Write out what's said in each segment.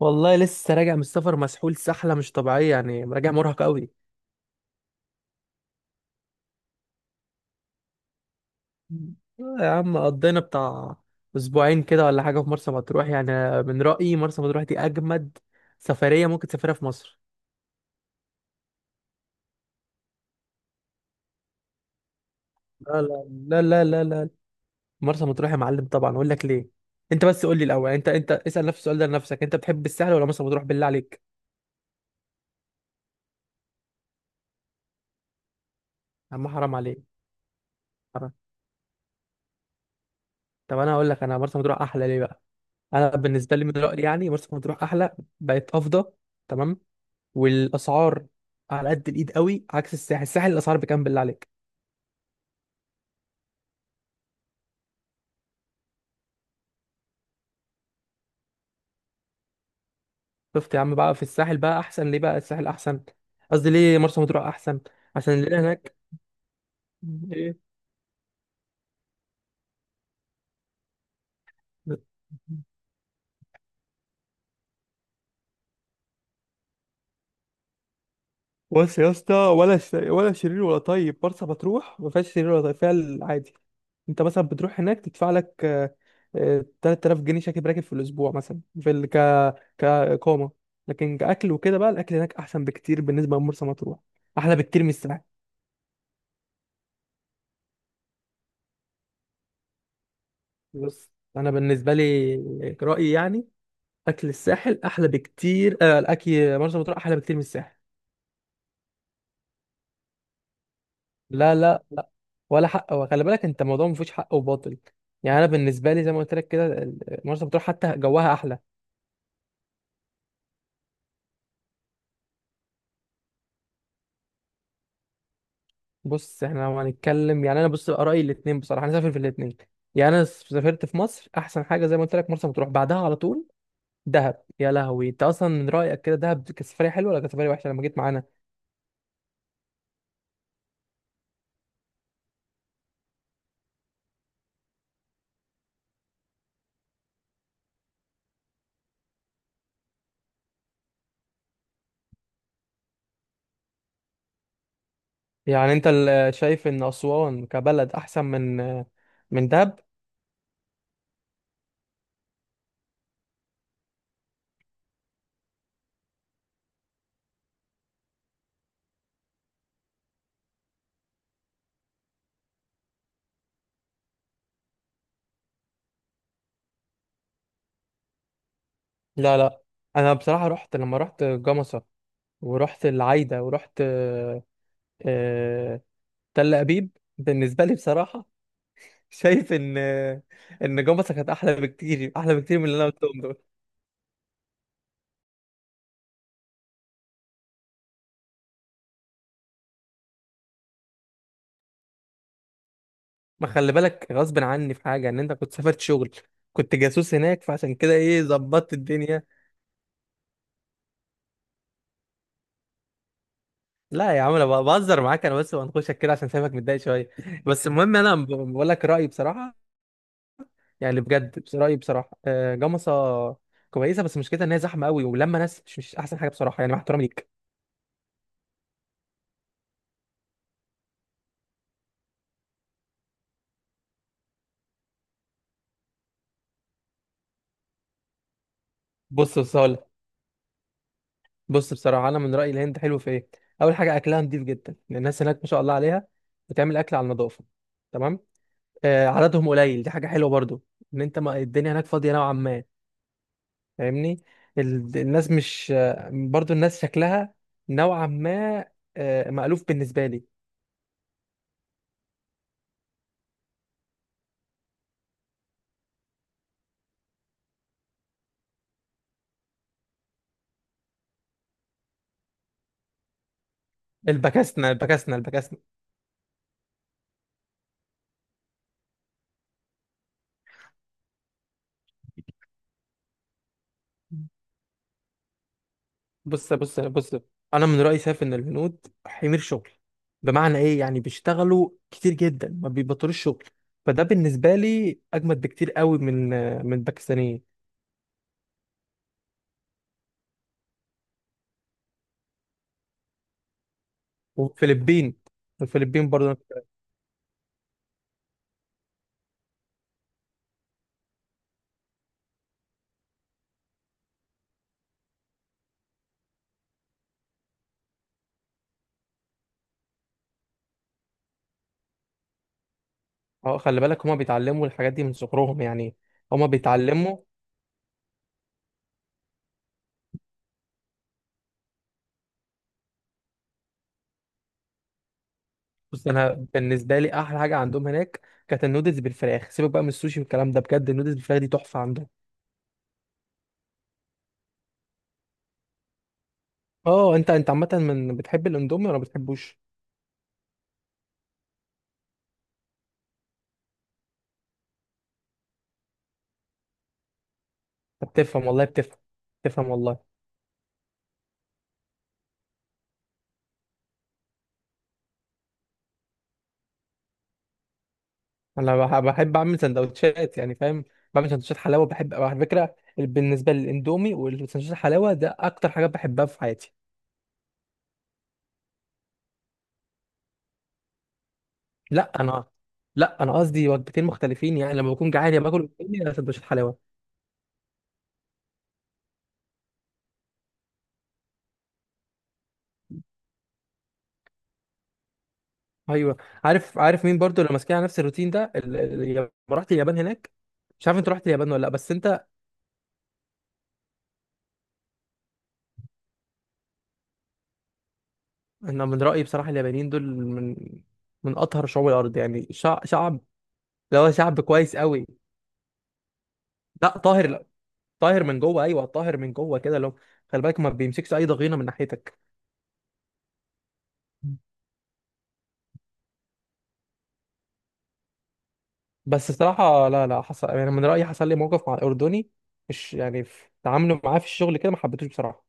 والله لسه راجع من السفر مسحول سحلة مش طبيعية، يعني راجع مرهق قوي. آه يا عم، قضينا بتاع أسبوعين كده ولا حاجة في مرسى مطروح. يعني أنا من رأيي مرسى مطروح دي أجمد سفرية ممكن تسافرها في مصر. لا لا لا لا لا لا، مرسى مطروح يا معلم، طبعا أقول لك ليه. أنت بس قول لي الأول، أنت اسأل نفس السؤال ده لنفسك. أنت بتحب الساحل ولا مرسى مطروح بالله عليك؟ يا عم حرام عليك. حرام. طب أنا أقول لك، أنا مرسى مطروح أحلى ليه بقى. أنا بالنسبة لي من رأيي يعني مرسى مطروح أحلى، بقت أفضل. تمام. والاسعار على قد الايد قوي، عكس الساحل. الساحل الاسعار بكام بالله عليك؟ شفت يا عم بقى؟ في الساحل بقى احسن ليه بقى؟ الساحل احسن، قصدي ليه مرسى مطروح احسن. عشان اللي هناك. ايه. بص يا اسطى، ولا شرير ولا طيب، مرسى مطروح ما فيهاش شرير ولا طيب، فيها العادي. انت مثلا بتروح هناك تدفع لك 3000 جنيه شاكب راكب في الاسبوع، مثلا في ال... ك كاقامه. لكن كاكل وكده بقى، الاكل هناك احسن بكتير بالنسبه لمرسى مطروح، احلى بكتير من الساحل. بص انا بالنسبه لي رايي يعني، اكل الساحل احلى بكتير. الاكل مرسى مطروح احلى بكتير من الساحل. لا لا لا. ولا حق، وخلي بالك انت، الموضوع ما فيهوش حق وباطل. يعني انا بالنسبه لي زي ما قلت لك كده، مرسى مطروح حتى جواها احلى. بص احنا لو هنتكلم يعني، انا بص بقى رايي الاثنين بصراحه، انا سافر في الاثنين. يعني انا سافرت في مصر احسن حاجه زي ما قلت لك مرسى مطروح، بعدها على طول دهب. يا لهوي، انت اصلا من رايك كده، دهب كانت سفريه حلوه ولا كانت سفريه وحشه لما جيت معانا؟ يعني انت شايف ان اسوان كبلد احسن من من دهب؟ لا لا. انا بصراحه رحت، لما رحت جمصه، ورحت العايده، ورحت آه، تل ابيب. بالنسبه لي بصراحه، شايف ان جمصه كانت احلى بكتير، احلى بكتير من اللي انا قلتهم دول. ما خلي بالك، غصب عني في حاجه، ان انت كنت سافرت شغل، كنت جاسوس هناك، فعشان كده ايه ظبطت الدنيا. لا يا عم انا بهزر معاك، انا بس بنخشك كده عشان سايبك متضايق شويه. بس المهم انا بقول لك رايي بصراحه. يعني بجد، بس رأيي بصراحة، جمصة كويسة، بس مشكلتها ان هي زحمة قوي، ولما ناس مش احسن حاجة بصراحة، يعني مع احترامي ليك. بص بص هقول لك. بص بصراحة انا من رأيي الهند حلو في ايه. اول حاجة اكلها نضيف جدا، لأن الناس هناك ما شاء الله عليها بتعمل اكل على النظافة. تمام. عددهم قليل، دي حاجة حلوة برضو. ان انت، ما الدنيا هناك فاضية نوعا ما، فاهمني؟ الناس مش، برضو الناس شكلها نوعا ما مألوف بالنسبة لي. البكاسنة البكاسنة البكاسنة. بص بص بص، انا من رايي شايف ان الهنود حمير شغل، بمعنى ايه يعني، بيشتغلوا كتير جدا ما بيبطلوش شغل. فده بالنسبه لي اجمد بكتير قوي من من الباكستانيين. والفلبين. الفلبين برضه. اه خلي بالك، هما بيتعلموا الحاجات دي من صغرهم يعني. هما بيتعلموا. بص انا بالنسبه لي احلى حاجه عندهم هناك كانت النودلز بالفراخ. سيبك بقى من السوشي والكلام ده، بجد النودلز بالفراخ دي تحفه عندهم. اه انت، انت عامه من بتحب الاندومي ولا ما بتحبوش؟ طب بتفهم والله بتفهم. بتفهم والله. انا بحب اعمل سندوتشات، يعني فاهم؟ بعمل سندوتشات حلاوه. بحب على فكره بالنسبه للاندومي والسندوتشات الحلاوه، ده اكتر حاجه بحبها في حياتي. لا انا، لا انا قصدي وجبتين مختلفين، يعني لما بكون جعان يا باكل اندومي يا سندوتشات حلاوه. ايوه. عارف عارف مين برضو اللي ماسكين على نفس الروتين ده؟ لما رحت اليابان هناك. مش عارف انت رحت اليابان ولا لا بس انت. انا من رايي بصراحه اليابانيين دول من من اطهر شعوب الارض. يعني شعب، اللي هو شعب كويس قوي. لا طاهر، طاهر من جوه، ايوه طاهر من جوه كده. لو خلي بالك ما بيمسكش اي ضغينه من ناحيتك. بس صراحه لا لا، حصل يعني من رايي حصل لي موقف مع الاردني، مش يعني في تعامله معاه في الشغل كده ما حبيتوش بصراحه.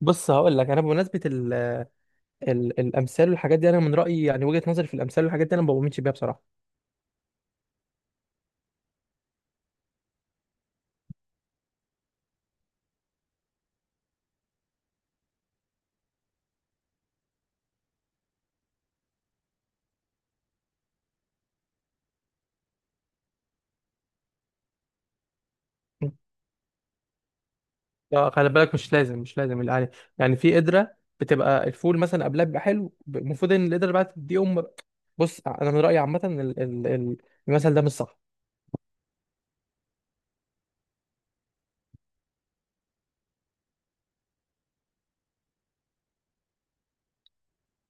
بص هقول لك، انا بمناسبه ال ال الامثال والحاجات دي، انا من رايي يعني وجهه نظري في الامثال والحاجات دي، انا ما بؤمنش بيها بصراحه. لا، خلي بالك مش لازم مش لازم، يعني يعني في قدره بتبقى الفول مثلا قبلها بيبقى حلو، المفروض ان القدره اللي بعد دي ام. بص انا من رايي عامه المثل ده مش صح.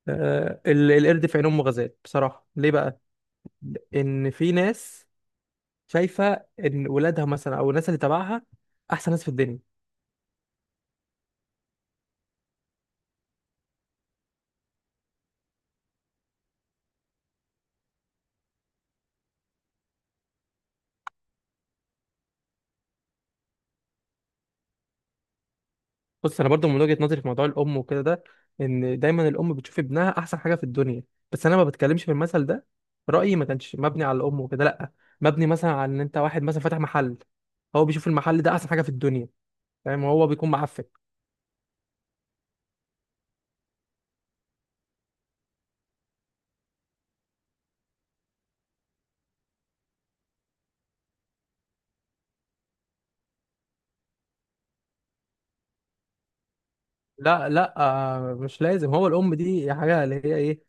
القرد في عين امه غزال. بصراحه ليه بقى؟ ان في ناس شايفه ان ولادها مثلا او الناس اللي تبعها احسن ناس في الدنيا. بص انا برضو من وجهه نظري في موضوع الام وكده ده، ان دايما الام بتشوف ابنها احسن حاجه في الدنيا. بس انا ما بتكلمش في المثل ده، رايي ما كانش مبني على الام وكده، لا، مبني مثلا على ان انت واحد مثلا فاتح محل، هو بيشوف المحل ده احسن حاجه في الدنيا، فاهم؟ هو بيكون معفن. لا لا، مش لازم، هو الام دي حاجه اللي هي ايه.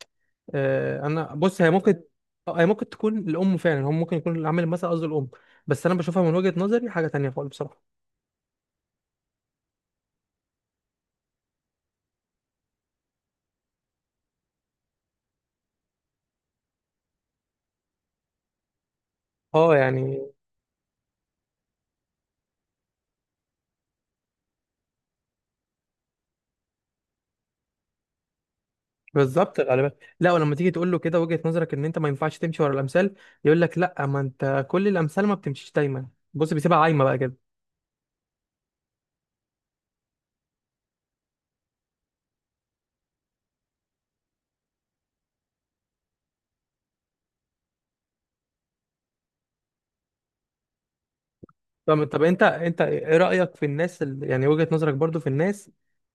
انا بص هي ممكن، هي ممكن تكون الام فعلا، هم ممكن يكون العامل المثل قصده الام، بس انا بشوفها من وجهه نظري حاجه تانية خالص بصراحه. اه يعني. بالظبط غالبا. لا، ولما تيجي تقول له كده وجهه نظرك ان انت ما ينفعش تمشي ورا الامثال، يقول لك لا، ما انت كل الامثال ما بتمشيش دايما. بص بيسيبها عايمه بقى كده. طب طب، انت ايه رأيك في الناس اللي يعني وجهة نظرك برضو في الناس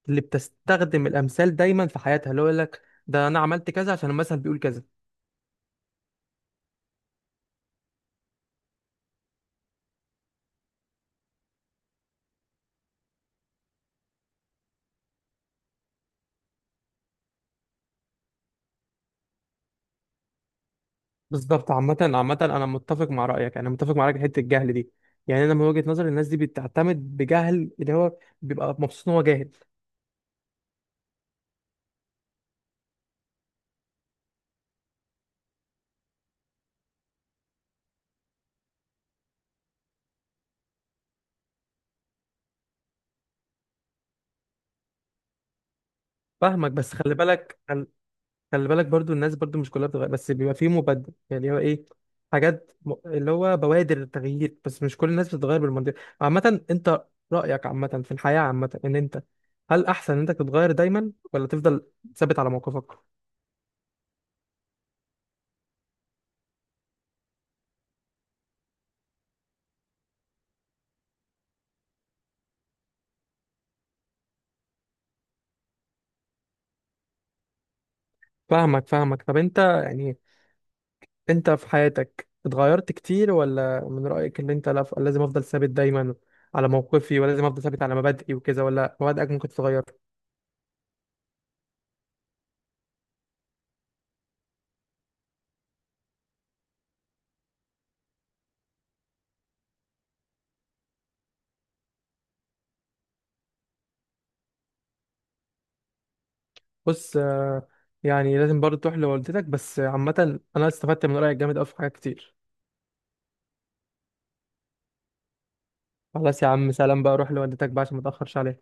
اللي بتستخدم الامثال دايما في حياتها، اللي هو يقول لك ده انا عملت كذا عشان المثل بيقول كذا. بالظبط. عامة عامة، انا متفق مع رأيك، انا متفق مع رأيك في حتة الجهل دي. يعني انا من وجهة نظري الناس دي بتعتمد بجهل، اللي هو بيبقى مبسوط ان هو جاهل. فاهمك. بس خلي بالك، خلي بالك برضو الناس برضو مش كلها بتغير، بس بيبقى فيه مبدل يعني هو ايه، حاجات اللي هو بوادر التغيير، بس مش كل الناس بتتغير بالمنطق. عامة، انت رأيك عامة في الحياة عامة، ان انت هل احسن ان انت تتغير دايما ولا تفضل ثابت على موقفك؟ فاهمك. فاهمك، طب انت يعني انت في حياتك اتغيرت كتير، ولا من رأيك ان انت لازم افضل ثابت دايما على موقفي ولازم افضل ثابت على مبادئي وكذا، ولا مبادئك ممكن تتغير؟ بص يعني لازم برضه تروح لوالدتك، بس عامة أنا استفدت من رأيك جامد أوي في حاجات كتير. خلاص يا عم، سلام بقى، روح لوالدتك بقى عشان ما تأخرش عليها.